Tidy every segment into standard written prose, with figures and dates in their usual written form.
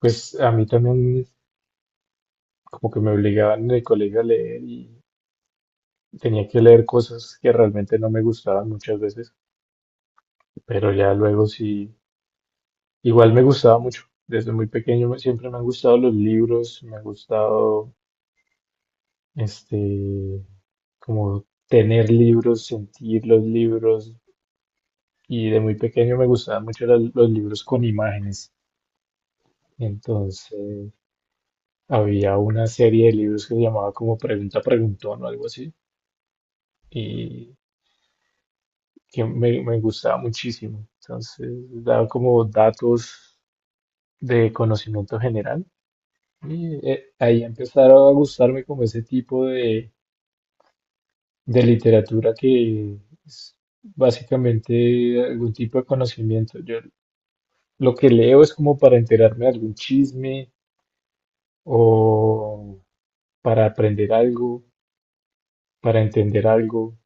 Pues a mí también como que me obligaban en el colegio a leer y tenía que leer cosas que realmente no me gustaban muchas veces, pero ya luego sí, igual me gustaba mucho. Desde muy pequeño siempre me han gustado los libros, me ha gustado este como tener libros, sentir los libros y de muy pequeño me gustaban mucho los libros con imágenes. Entonces había una serie de libros que se llamaba como Pregunta Preguntón o algo así. Y que me gustaba muchísimo. Entonces, daba como datos de conocimiento general. Y ahí empezaron a gustarme como ese tipo de literatura que es básicamente algún tipo de conocimiento. Yo lo que leo es como para enterarme de algún chisme o para aprender algo, para entender algo,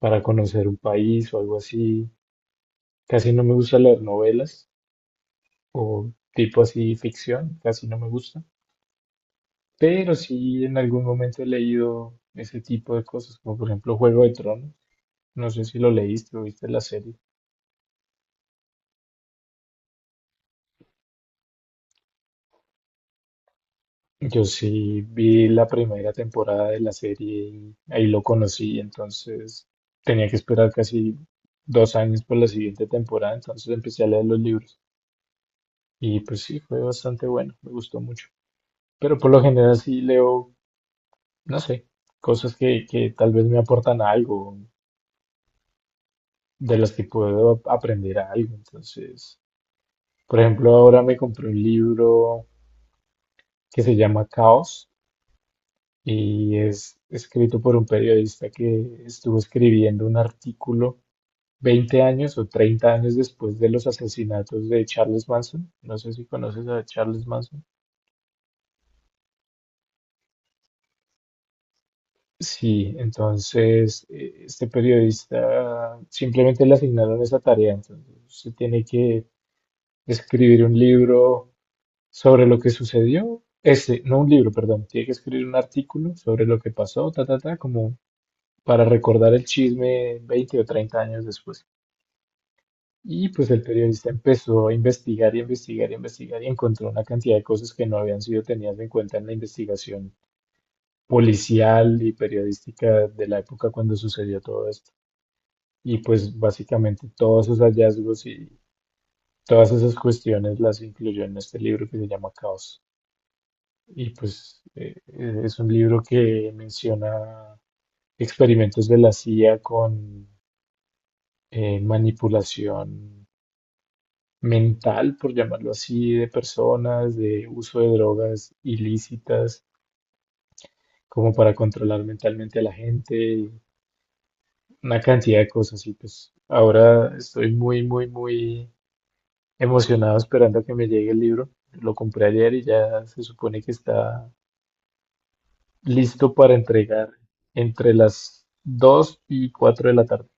para conocer un país o algo así. Casi no me gusta leer novelas o tipo así ficción, casi no me gusta. Pero sí en algún momento he leído ese tipo de cosas, como por ejemplo Juego de Tronos. No sé si lo leíste o viste la serie. Yo sí vi la primera temporada de la serie y ahí lo conocí, entonces tenía que esperar casi dos años por la siguiente temporada, entonces empecé a leer los libros y pues sí, fue bastante bueno, me gustó mucho. Pero por lo general sí leo, no sé, cosas que tal vez me aportan algo, de las que puedo aprender algo, entonces. Por ejemplo, ahora me compré un libro que se llama Caos y es escrito por un periodista que estuvo escribiendo un artículo 20 años o 30 años después de los asesinatos de Charles Manson. No sé si conoces a Charles Manson. Sí, entonces este periodista simplemente le asignaron esa tarea, entonces se tiene que escribir un libro sobre lo que sucedió, ese, no un libro, perdón, tiene que escribir un artículo sobre lo que pasó, ta, ta, ta, como para recordar el chisme 20 o 30 años después. Y pues el periodista empezó a investigar y investigar y investigar y encontró una cantidad de cosas que no habían sido tenidas en cuenta en la investigación policial y periodística de la época cuando sucedió todo esto. Y pues básicamente todos esos hallazgos y todas esas cuestiones las incluyó en este libro que se llama Caos. Y pues es un libro que menciona experimentos de la CIA con manipulación mental, por llamarlo así, de personas, de uso de drogas ilícitas, como para controlar mentalmente a la gente, y una cantidad de cosas. Y pues ahora estoy muy emocionado esperando a que me llegue el libro. Lo compré ayer y ya se supone que está listo para entregar entre las 2 y 4 de la tarde.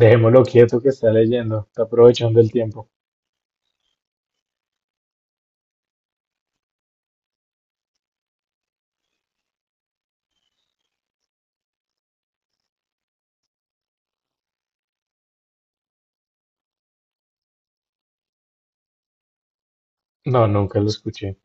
Dejémoslo quieto que está leyendo, está aprovechando el tiempo. No, nunca lo escuché.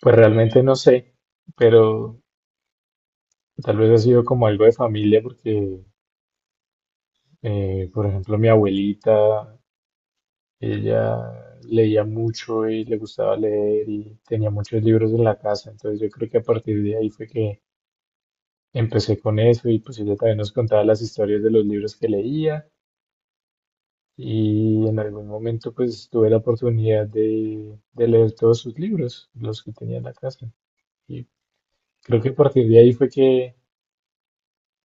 Pues realmente no sé, pero tal vez ha sido como algo de familia porque, por ejemplo, mi abuelita, ella leía mucho y le gustaba leer y tenía muchos libros en la casa, entonces yo creo que a partir de ahí fue que empecé con eso y pues ella también nos contaba las historias de los libros que leía. Y en algún momento pues tuve la oportunidad de leer todos sus libros, los que tenía en la casa. Y creo que a partir de ahí fue que,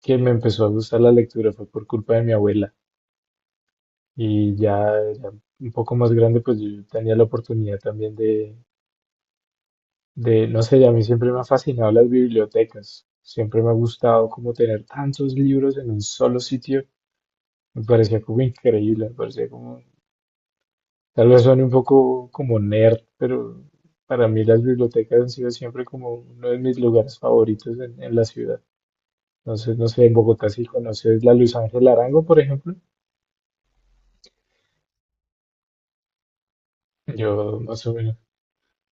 que me empezó a gustar la lectura, fue por culpa de mi abuela. Y ya un poco más grande pues yo tenía la oportunidad también no sé, a mí siempre me han fascinado las bibliotecas. Siempre me ha gustado como tener tantos libros en un solo sitio. Me parecía como increíble, me parecía como tal vez suene un poco como nerd, pero para mí las bibliotecas han sido siempre como uno de mis lugares favoritos en la ciudad. Entonces, no sé, en Bogotá si conoces la Luis Ángel Arango, por ejemplo. Yo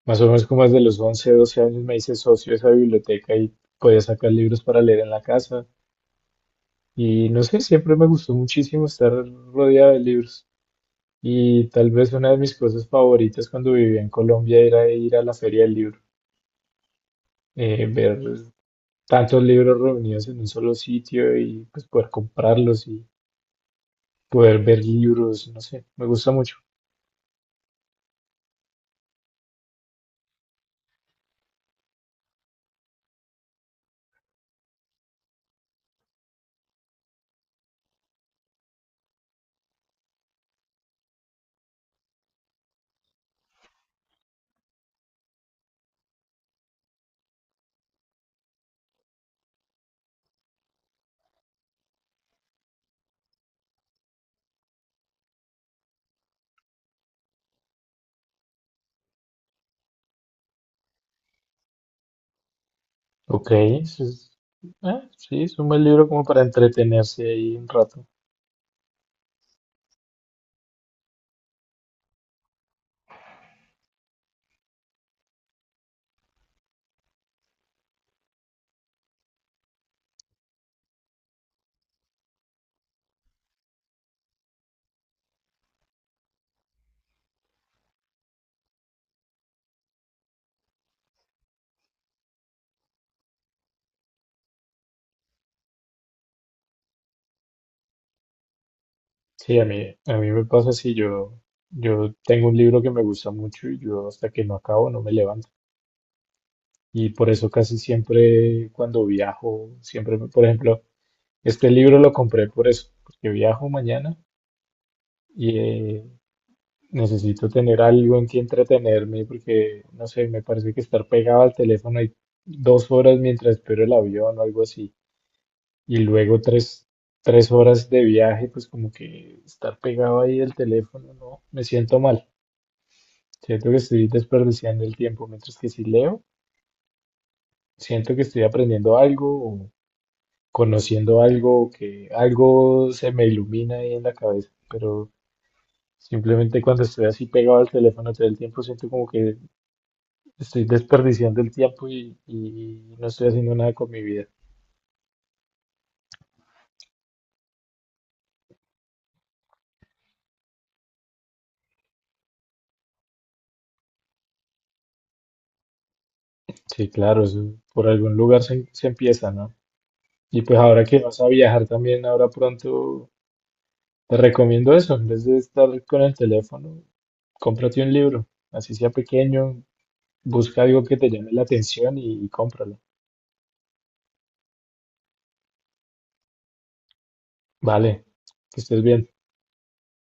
más o menos como desde los 11 12 años me hice socio de esa biblioteca y podía sacar libros para leer en la casa. Y no sé, siempre me gustó muchísimo estar rodeado de libros. Y tal vez una de mis cosas favoritas cuando vivía en Colombia era ir a la Feria del Libro, ver tantos libros reunidos en un solo sitio y pues poder comprarlos y poder ver libros, no sé, me gusta mucho. Ok, ah, sí, es un buen libro como para entretenerse ahí un rato. Sí, a mí me pasa así, yo tengo un libro que me gusta mucho y yo hasta que no acabo no me levanto. Y por eso casi siempre cuando viajo, siempre, por ejemplo, este libro lo compré por eso, porque viajo mañana y necesito tener algo en que entretenerme porque, no sé, me parece que estar pegado al teléfono ahí 2 horas mientras espero el avión o algo así, y luego 3 horas de viaje, pues como que estar pegado ahí al teléfono, no, me siento mal. Siento que estoy desperdiciando el tiempo, mientras que si leo, siento que estoy aprendiendo algo o conociendo algo o que algo se me ilumina ahí en la cabeza, pero simplemente cuando estoy así pegado al teléfono todo el tiempo siento como que estoy desperdiciando el tiempo y no estoy haciendo nada con mi vida. Sí, claro, eso por algún lugar se empieza, ¿no? Y pues ahora que vas a viajar también, ahora pronto, te recomiendo eso, en vez de estar con el teléfono, cómprate un libro, así sea pequeño, busca algo que te llame la atención y cómpralo. Vale, que estés bien.